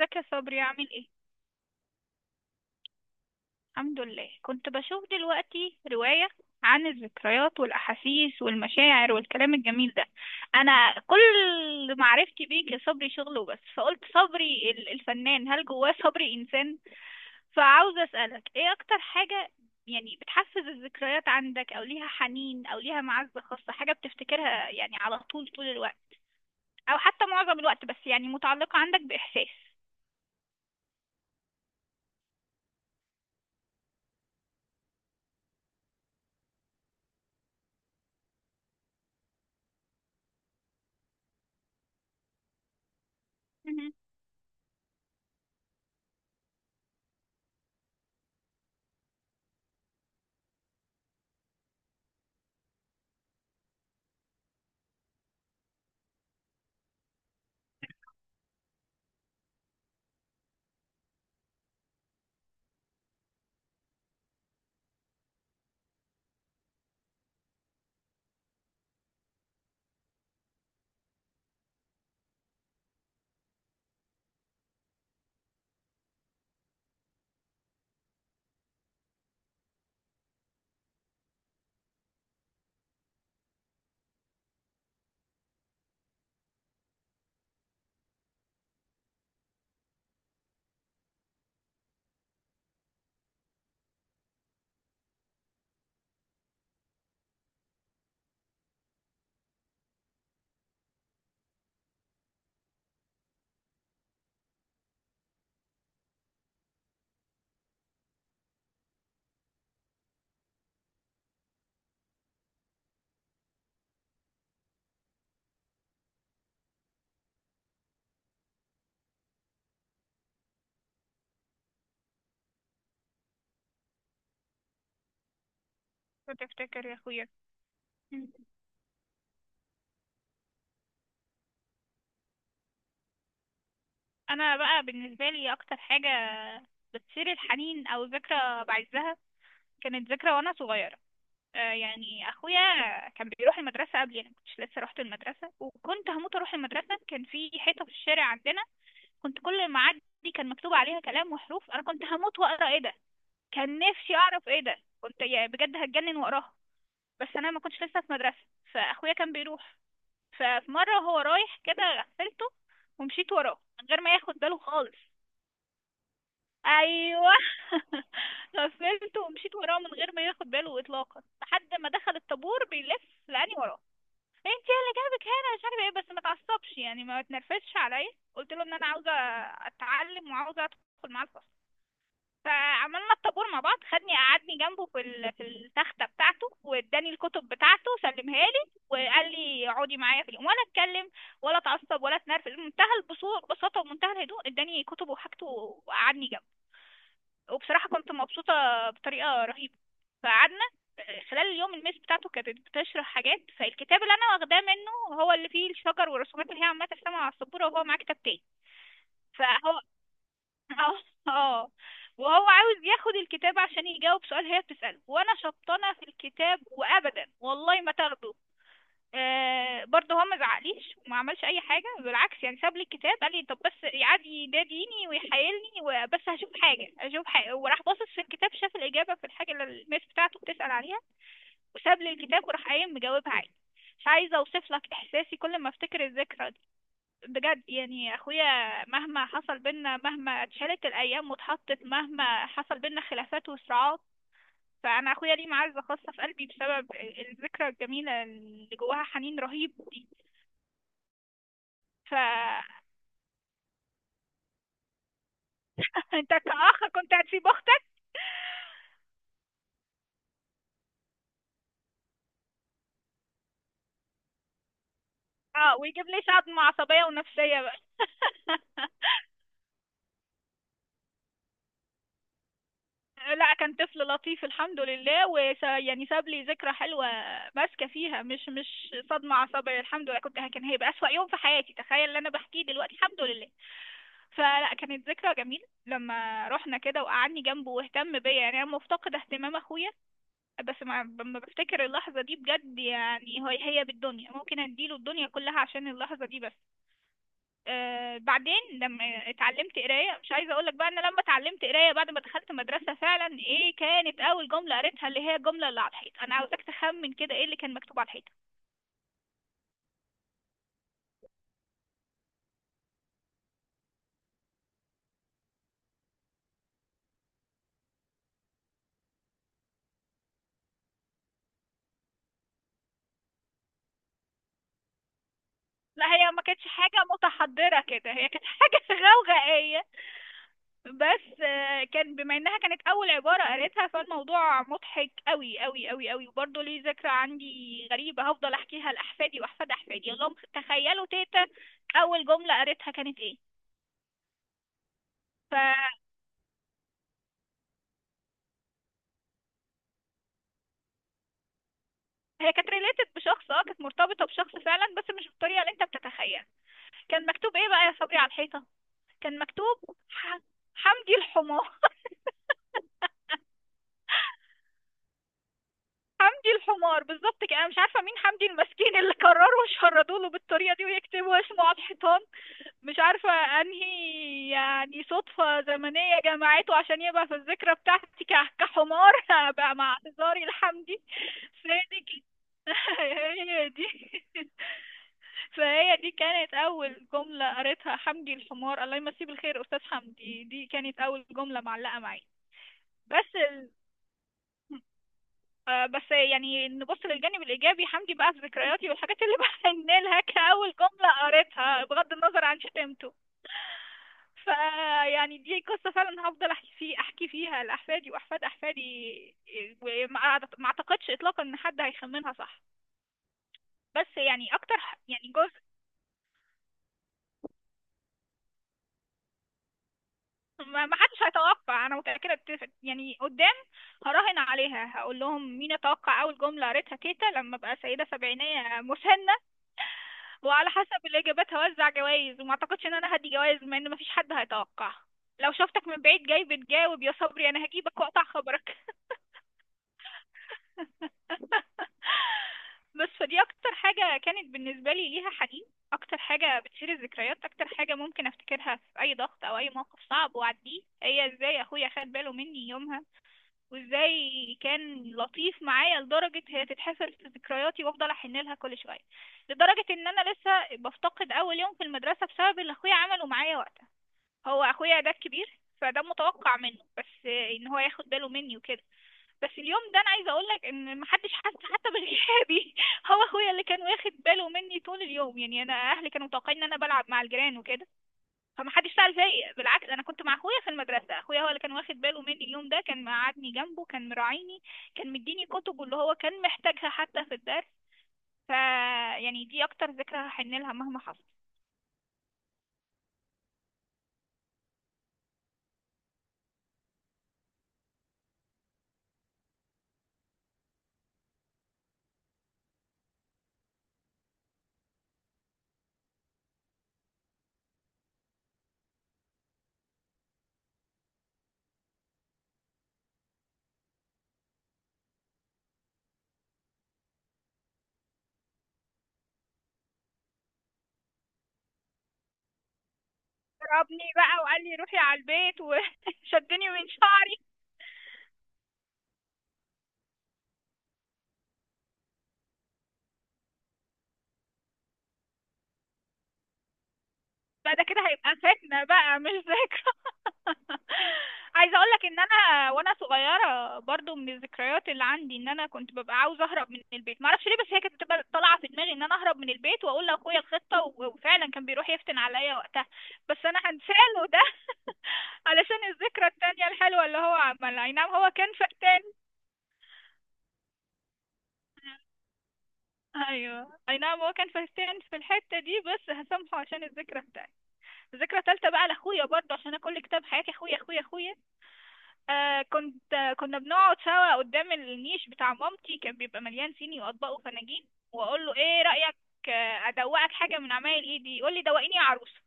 ازيك يا صبري، عامل ايه؟ الحمد لله. كنت بشوف دلوقتي رواية عن الذكريات والأحاسيس والمشاعر والكلام الجميل ده. أنا كل معرفتي بيك يا صبري شغل وبس، فقلت صبري الفنان، هل جواه صبري إنسان؟ فعاوزة أسألك ايه أكتر حاجة يعني بتحفز الذكريات عندك، أو ليها حنين، أو ليها معزة خاصة، حاجة بتفتكرها يعني على طول طول الوقت، أو حتى معظم الوقت، بس يعني متعلقة عندك بإحساس. مهم. بتفتكر يا أخويا، انا بقى بالنسبه لي اكتر حاجه بتثير الحنين او ذكرى بعزها، كانت ذكرى وانا صغيره. يعني اخويا كان بيروح المدرسه، قبل انا كنتش لسه رحت المدرسه، وكنت هموت اروح المدرسه. كان في حيطه في الشارع عندنا، كنت كل ما اعدي كان مكتوب عليها كلام وحروف، انا كنت هموت واقرا ايه ده. كان نفسي اعرف ايه ده، كنت يعني بجد هتجنن واقراها، بس انا ما كنتش لسه في مدرسه. فاخويا كان بيروح، ففي مره هو رايح كده غفلته ومشيت وراه من غير ما ياخد باله خالص. ايوه. غفلته ومشيت وراه من غير ما ياخد باله اطلاقا لحد ما دخل الطابور بيلف لقاني وراه. إيه، انت اللي جابك هنا؟ مش عارفه ايه بس ما تعصبش يعني ما تنرفزش عليا. قلت له ان انا عاوزه اتعلم وعاوزه ادخل معاه الفصل. فعملنا الطابور مع بعض، خدني قعدني جنبه في في التخته بتاعته، واداني الكتب بتاعته سلمها لي وقال لي اقعدي معايا في اليوم ولا اتكلم ولا اتعصب ولا اتنرفز. منتهى البساطه ومنتهى الهدوء. اداني كتبه وحاجته وقعدني جنبه. وبصراحة كنت مبسوطة بطريقة رهيبة. فقعدنا. خلال اليوم الميس بتاعته كانت بتشرح حاجات، فالكتاب اللي انا واخداه منه هو اللي فيه الشجر والرسومات اللي هي عمالة ترسمها على السبورة، وهو معاه كتاب تاني. فهو. اه. اه. وهو عاوز ياخد الكتاب عشان يجاوب سؤال هي بتسأله، وانا شبطانة في الكتاب وابدا والله ما تاخده. برضه هو ما زعقليش وما عملش اي حاجه، بالعكس يعني ساب لي الكتاب، قال لي طب بس. قعد يناديني ويحايلني، وبس هشوف حاجه هشوف حاجه، وراح باصص في الكتاب شاف الاجابه في الحاجه اللي الميس بتاعته بتسال عليها، وساب لي الكتاب وراح قايم مجاوبها عادي. مش عايزه اوصف لك احساسي كل ما افتكر الذكرى دي. بجد يعني اخويا مهما حصل بينا، مهما اتشالت الايام واتحطت، مهما حصل بينا خلافات وصراعات، فانا اخويا ليه معزه خاصه في قلبي بسبب الذكرى الجميله اللي جواها حنين رهيب دي. فانت. كأخ كنت هتسيب اختك؟ اه، ويجيب لي صدمة عصبية ونفسية بقى. لا، كان طفل لطيف الحمد لله، يعني ساب لي ذكرى حلوة ماسكة فيها، مش صدمة عصبية الحمد لله. كنت كان هيبقى أسوأ يوم في حياتي تخيل اللي أنا بحكيه دلوقتي، الحمد لله. فلا، كانت ذكرى جميلة لما رحنا كده وقعدني جنبه واهتم بيا، يعني أنا مفتقدة اهتمام أخويا. بس ما لما بفتكر اللحظة دي بجد، يعني هو هي بالدنيا، ممكن اديله الدنيا كلها عشان اللحظة دي بس. بعدين لما اتعلمت قراية، مش عايزة اقولك بقى انا لما اتعلمت قراية بعد ما دخلت مدرسة فعلا ايه كانت اول جملة قريتها، اللي هي الجملة اللي على الحيط. انا عاوزاك تخمن كده ايه اللي كان مكتوب على الحيطة. لا، هي ما كانتش حاجة متحضرة كده، هي كانت حاجة غوغائية، بس كان بما انها كانت اول عبارة قالتها، فالموضوع مضحك قوي قوي قوي قوي، وبرضه ليه ذكرى عندي غريبة هفضل احكيها لاحفادي واحفاد احفادي. اللهم تخيلوا تيتا اول جملة قالتها كانت ايه. فهي كانت ريليتد بشخص، اه كانت مرتبطة بشخص فعلا، بس مش بالطريقة اللي انت بتتخيلها. كان مكتوب ايه بقى يا صبري على الحيطة؟ كان مكتوب حمدي الحمار. حمدي الحمار بالظبط كده. انا مش عارفه مين حمدي المسكين اللي قرروا يشردوا له بالطريقه دي ويكتبوا اسمه على الحيطان. مش عارفة انهي يعني صدفة زمنية جمعته عشان يبقى في الذكرى بتاعتي كحمار، بقى مع اعتذاري لحمدي. فهي دي هي دي فهي دي كانت أول جملة قريتها، حمدي الحمار. الله يمسيه بالخير أستاذ حمدي، دي كانت أول جملة معلقة معي. بس ال... آه، بس يعني نبص للجانب الإيجابي، حمدي بقى في ذكرياتي والحاجات اللي بحن لها كأول جملة قريتها بغض النظر عن شتمته. فيعني دي قصة فعلا هفضل احكي فيه احكي فيها لأحفادي وأحفاد أحفادي. وما أعت- ما اعتقدش اطلاقا ان حد هيخمنها صح. بس يعني اكتر يعني جزء. ما حدش هيتوقع، انا متأكدة يعني قدام هراهن عليها. هقول لهم مين يتوقع اول جملة قريتها تيتا لما ابقى سيدة سبعينية مسنة، وعلى حسب الاجابات هوزع جوائز، وما اعتقدش ان انا هدي جوائز بما ان مفيش حد هيتوقع. لو شفتك من بعيد جاي بتجاوب يا صبري، انا هجيبك واقطع خبرك. بس فدي اكتر حاجة كانت بالنسبة لي ليها حنين، اكتر حاجة بتشيل الذكريات، اكتر حاجة ممكن افتكرها في اي ضغط او اي موقف صعب واعديه، هي ازاي اخويا خد باله مني يومها، وازاي كان لطيف معايا لدرجة هي تتحفر في ذكرياتي وافضل احن لها كل شوية، لدرجة ان انا لسه بفتقد اول يوم في المدرسة بسبب اللي اخويا عمله معايا وقتها. هو اخويا ده الكبير، فده متوقع منه بس ان هو ياخد باله مني وكده، بس اليوم ده انا عايزه اقول لك ان محدش حس حتى بغيابي. هو اخويا اللي كان واخد باله مني طول اليوم، يعني انا اهلي كانوا متوقعين ان انا بلعب مع الجيران وكده، فمحدش سأل فيا. بالعكس انا كنت مع اخويا في المدرسه، اخويا هو اللي كان واخد باله مني اليوم ده، كان مقعدني جنبه، كان مراعيني، كان مديني كتب اللي هو كان محتاجها حتى في الدرس. ف يعني دي اكتر ذكرى هحن لها مهما حصل. ضربني بقى وقال لي روحي على البيت وشدني من شعري. لا، ده كده هيبقى فتنة بقى مش ذاكرة. عايزة اقولك ان انا وانا صغيرة برضو من الذكريات اللي عندي ان انا كنت ببقى عاوزة اهرب من البيت معرفش ليه، بس هي كانت بتبقى طالعة في دماغي ان انا اهرب من البيت واقول لاخويا الخطة، وفعلا كان بيروح يفتن عليا وقتها. بس انا هنساله ده علشان الذكرى التانية الحلوة اللي هو عملها، اي نعم هو كان فقتان. ايوه اي نعم هو كان فهتان في الحته دي، بس هسامحه عشان الذكرى التانية. الذكرى التالتة بقى لاخويا برضه، عشان انا كل كتاب حياتي اخويا اخويا اخويا. آه كنت آه كنا بنقعد سوا قدام النيش بتاع مامتي، كان بيبقى مليان صيني واطباق وفناجين، واقول له ايه رايك. ادوقك حاجه من عمايل ايدي، يقول لي دوقيني يا عروسه،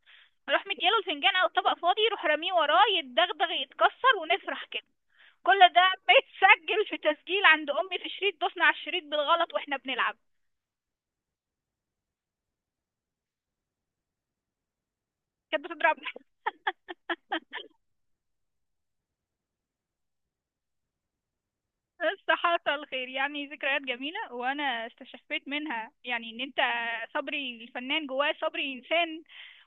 اروح مدياله الفنجان او الطبق فاضي يروح راميه وراه يتدغدغ يتكسر ونفرح كده. كل ده بيتسجل في تسجيل عند امي في شريط، دوسنا على الشريط بالغلط واحنا بنلعب. كانت بتضربنا. الصحة الخير، يعني ذكريات جميلة وأنا استشفيت منها، يعني إن أنت صبري الفنان جواه صبري إنسان.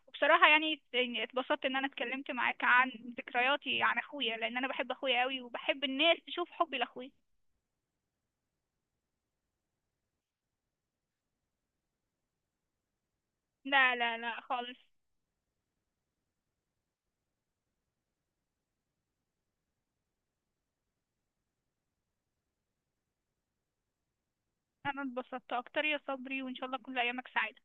وبصراحة يعني اتبسطت إن أنا اتكلمت معاك عن ذكرياتي عن أخويا، لأن أنا بحب أخويا قوي وبحب الناس تشوف حبي لأخويا. لا لا لا خالص. أنا اتبسطت أكتر يا صبري، وإن شاء الله كل أيامك سعيدة.